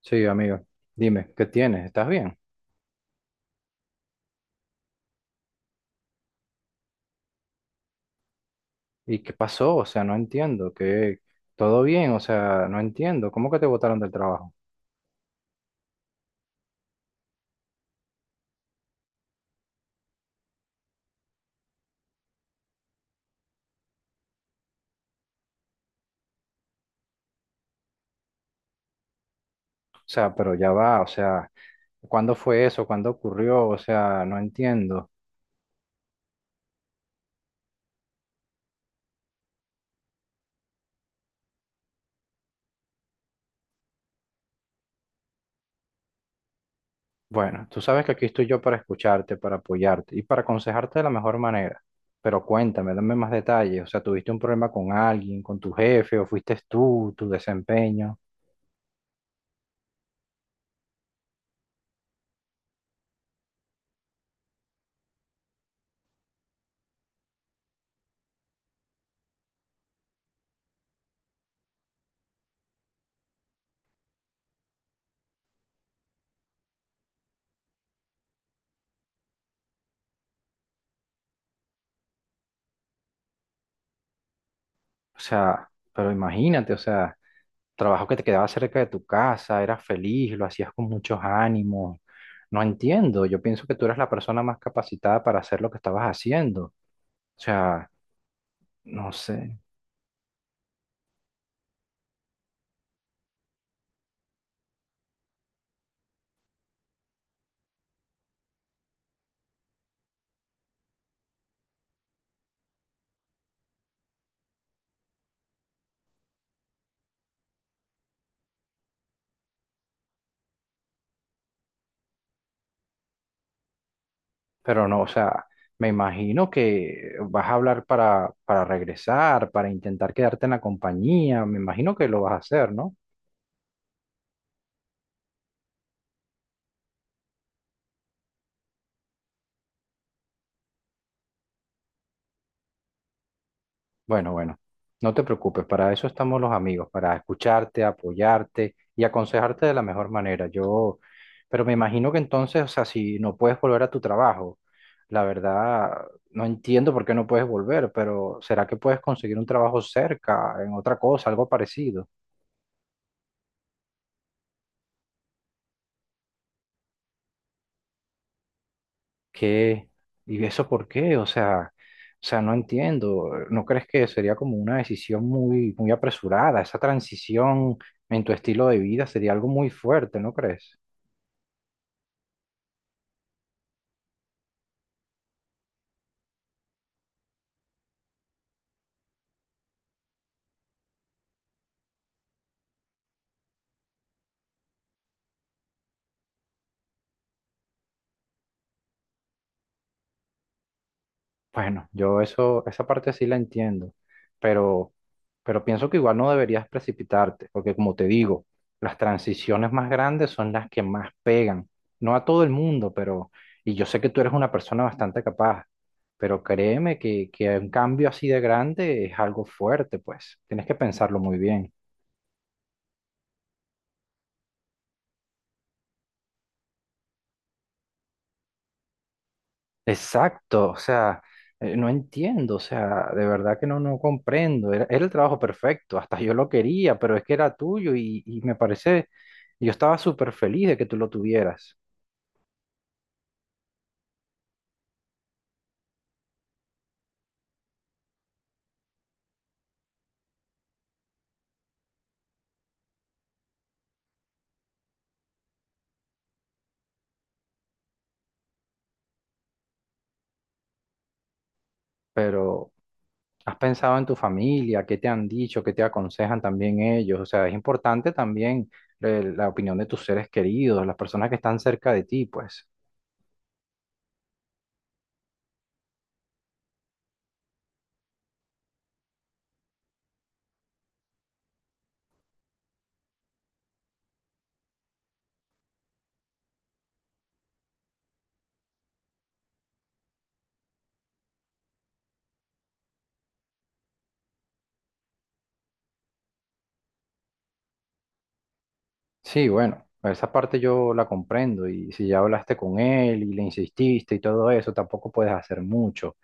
Sí, amigo, dime, ¿qué tienes? ¿Estás bien? ¿Y qué pasó? O sea, no entiendo. ¿Qué todo bien, o sea, no entiendo, ¿cómo que te botaron del trabajo? O sea, pero ya va, o sea, ¿cuándo fue eso? ¿Cuándo ocurrió? O sea, no entiendo. Bueno, tú sabes que aquí estoy yo para escucharte, para apoyarte y para aconsejarte de la mejor manera. Pero cuéntame, dame más detalles, o sea, ¿tuviste un problema con alguien, con tu jefe, o fuiste tú, tu desempeño? O sea, pero imagínate, o sea, trabajo que te quedaba cerca de tu casa, eras feliz, lo hacías con muchos ánimos. No entiendo, yo pienso que tú eras la persona más capacitada para hacer lo que estabas haciendo. O sea, no sé, pero no, o sea, me imagino que vas a hablar para regresar, para intentar quedarte en la compañía, me imagino que lo vas a hacer, ¿no? Bueno, bueno, no te preocupes, para eso estamos los amigos, para escucharte, apoyarte y aconsejarte de la mejor manera. Yo, pero me imagino que entonces, o sea, si no puedes volver a tu trabajo, la verdad, no entiendo por qué no puedes volver, pero ¿será que puedes conseguir un trabajo cerca, en otra cosa, algo parecido? ¿Qué? ¿Y eso por qué? O sea, no entiendo. ¿No crees que sería como una decisión muy, muy apresurada? Esa transición en tu estilo de vida sería algo muy fuerte, ¿no crees? Bueno, yo eso, esa parte sí la entiendo, pero, pero pienso que igual no deberías precipitarte, porque como te digo, las transiciones más grandes son las que más pegan. No a todo el mundo, pero, y yo sé que tú eres una persona bastante capaz, pero créeme que un cambio así de grande es algo fuerte, pues. Tienes que pensarlo muy bien. Exacto, o sea, no entiendo, o sea, de verdad que no, no comprendo. Era el trabajo perfecto, hasta yo lo quería, pero es que era tuyo y me parece, yo estaba súper feliz de que tú lo tuvieras, pero has pensado en tu familia, qué te han dicho, qué te aconsejan también ellos, o sea, es importante también la opinión de tus seres queridos, las personas que están cerca de ti, pues. Sí, bueno, esa parte yo la comprendo y si ya hablaste con él y le insististe y todo eso, tampoco puedes hacer mucho.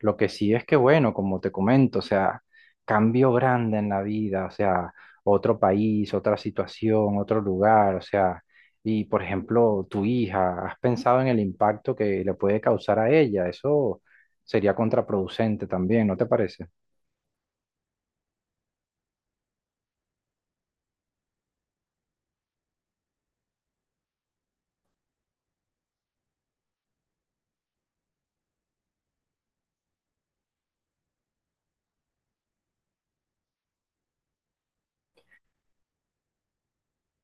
Lo que sí es que, bueno, como te comento, o sea, cambio grande en la vida, o sea, otro país, otra situación, otro lugar, o sea, y por ejemplo, tu hija, ¿has pensado en el impacto que le puede causar a ella? Eso sería contraproducente también, ¿no te parece?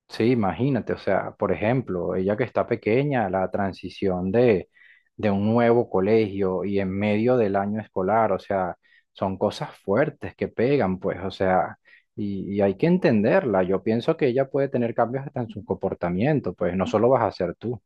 Sí, imagínate, o sea, por ejemplo, ella que está pequeña, la transición de un nuevo colegio y en medio del año escolar, o sea, son cosas fuertes que pegan, pues, o sea, y hay que entenderla. Yo pienso que ella puede tener cambios hasta en su comportamiento, pues, no solo vas a ser tú.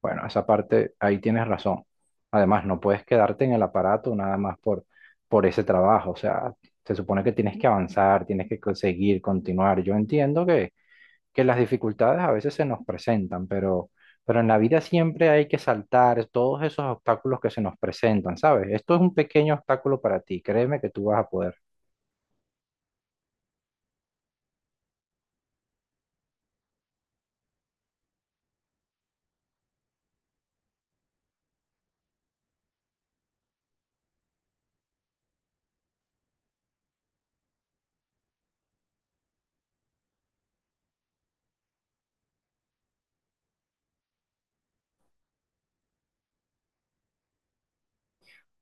Bueno, esa parte, ahí tienes razón. Además, no puedes quedarte en el aparato nada más por ese trabajo, o sea, se supone que tienes que avanzar, tienes que seguir, continuar. Yo entiendo que las dificultades a veces se nos presentan, pero en la vida siempre hay que saltar todos esos obstáculos que se nos presentan, ¿sabes? Esto es un pequeño obstáculo para ti, créeme que tú vas a poder.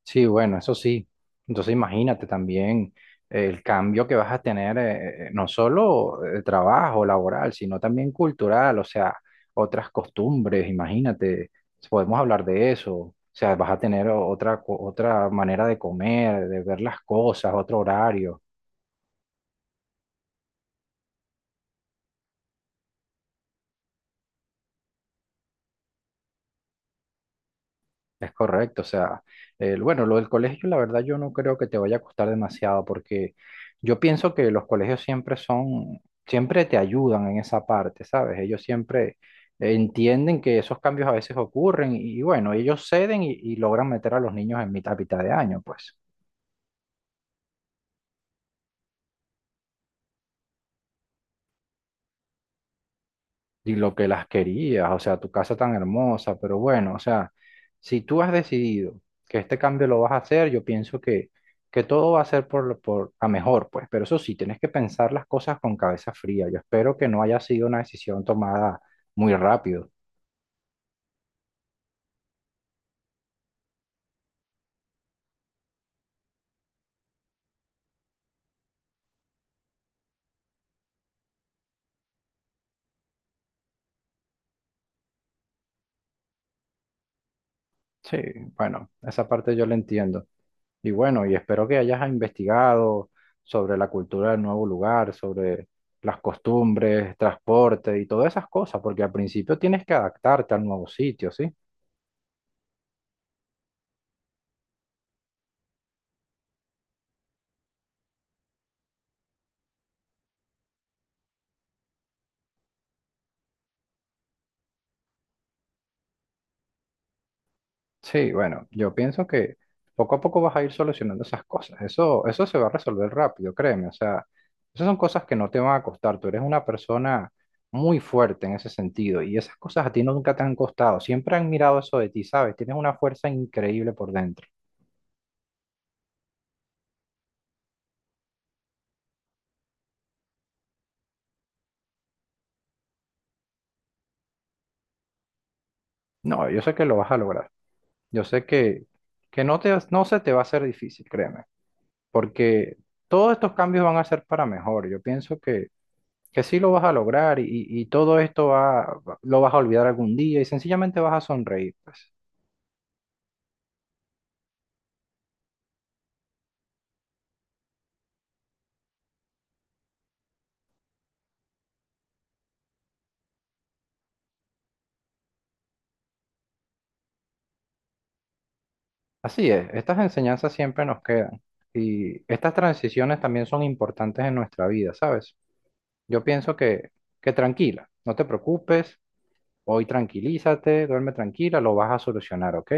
Sí, bueno, eso sí. Entonces imagínate también el cambio que vas a tener, no solo de trabajo laboral, sino también cultural, o sea, otras costumbres, imagínate, podemos hablar de eso, o sea, vas a tener otra, otra manera de comer, de ver las cosas, otro horario. Es correcto, o sea, bueno, lo del colegio, la verdad yo no creo que te vaya a costar demasiado porque yo pienso que los colegios siempre son, siempre te ayudan en esa parte, ¿sabes? Ellos siempre entienden que esos cambios a veces ocurren y, bueno, ellos ceden y logran meter a los niños en mitad de año, pues. Y lo que las querías, o sea, tu casa tan hermosa, pero bueno, o sea, si tú has decidido que este cambio lo vas a hacer, yo pienso que todo va a ser por, por a mejor, pues, pero eso sí, tienes que pensar las cosas con cabeza fría. Yo espero que no haya sido una decisión tomada muy rápido. Sí, bueno, esa parte yo la entiendo. Y bueno, y espero que hayas investigado sobre la cultura del nuevo lugar, sobre las costumbres, transporte y todas esas cosas, porque al principio tienes que adaptarte al nuevo sitio, ¿sí? Sí, bueno, yo pienso que poco a poco vas a ir solucionando esas cosas. Eso se va a resolver rápido, créeme. O sea, esas son cosas que no te van a costar. Tú eres una persona muy fuerte en ese sentido y esas cosas a ti no, nunca te han costado. Siempre han mirado eso de ti, ¿sabes? Tienes una fuerza increíble por dentro. No, yo sé que lo vas a lograr. Yo sé que no te, no se te va a hacer difícil, créeme, porque todos estos cambios van a ser para mejor. Yo pienso que sí lo vas a lograr y todo esto va, lo vas a olvidar algún día y sencillamente vas a sonreír, pues. Así es, estas enseñanzas siempre nos quedan y estas transiciones también son importantes en nuestra vida, ¿sabes? Yo pienso que tranquila, no te preocupes, hoy tranquilízate, duerme tranquila, lo vas a solucionar, ¿ok?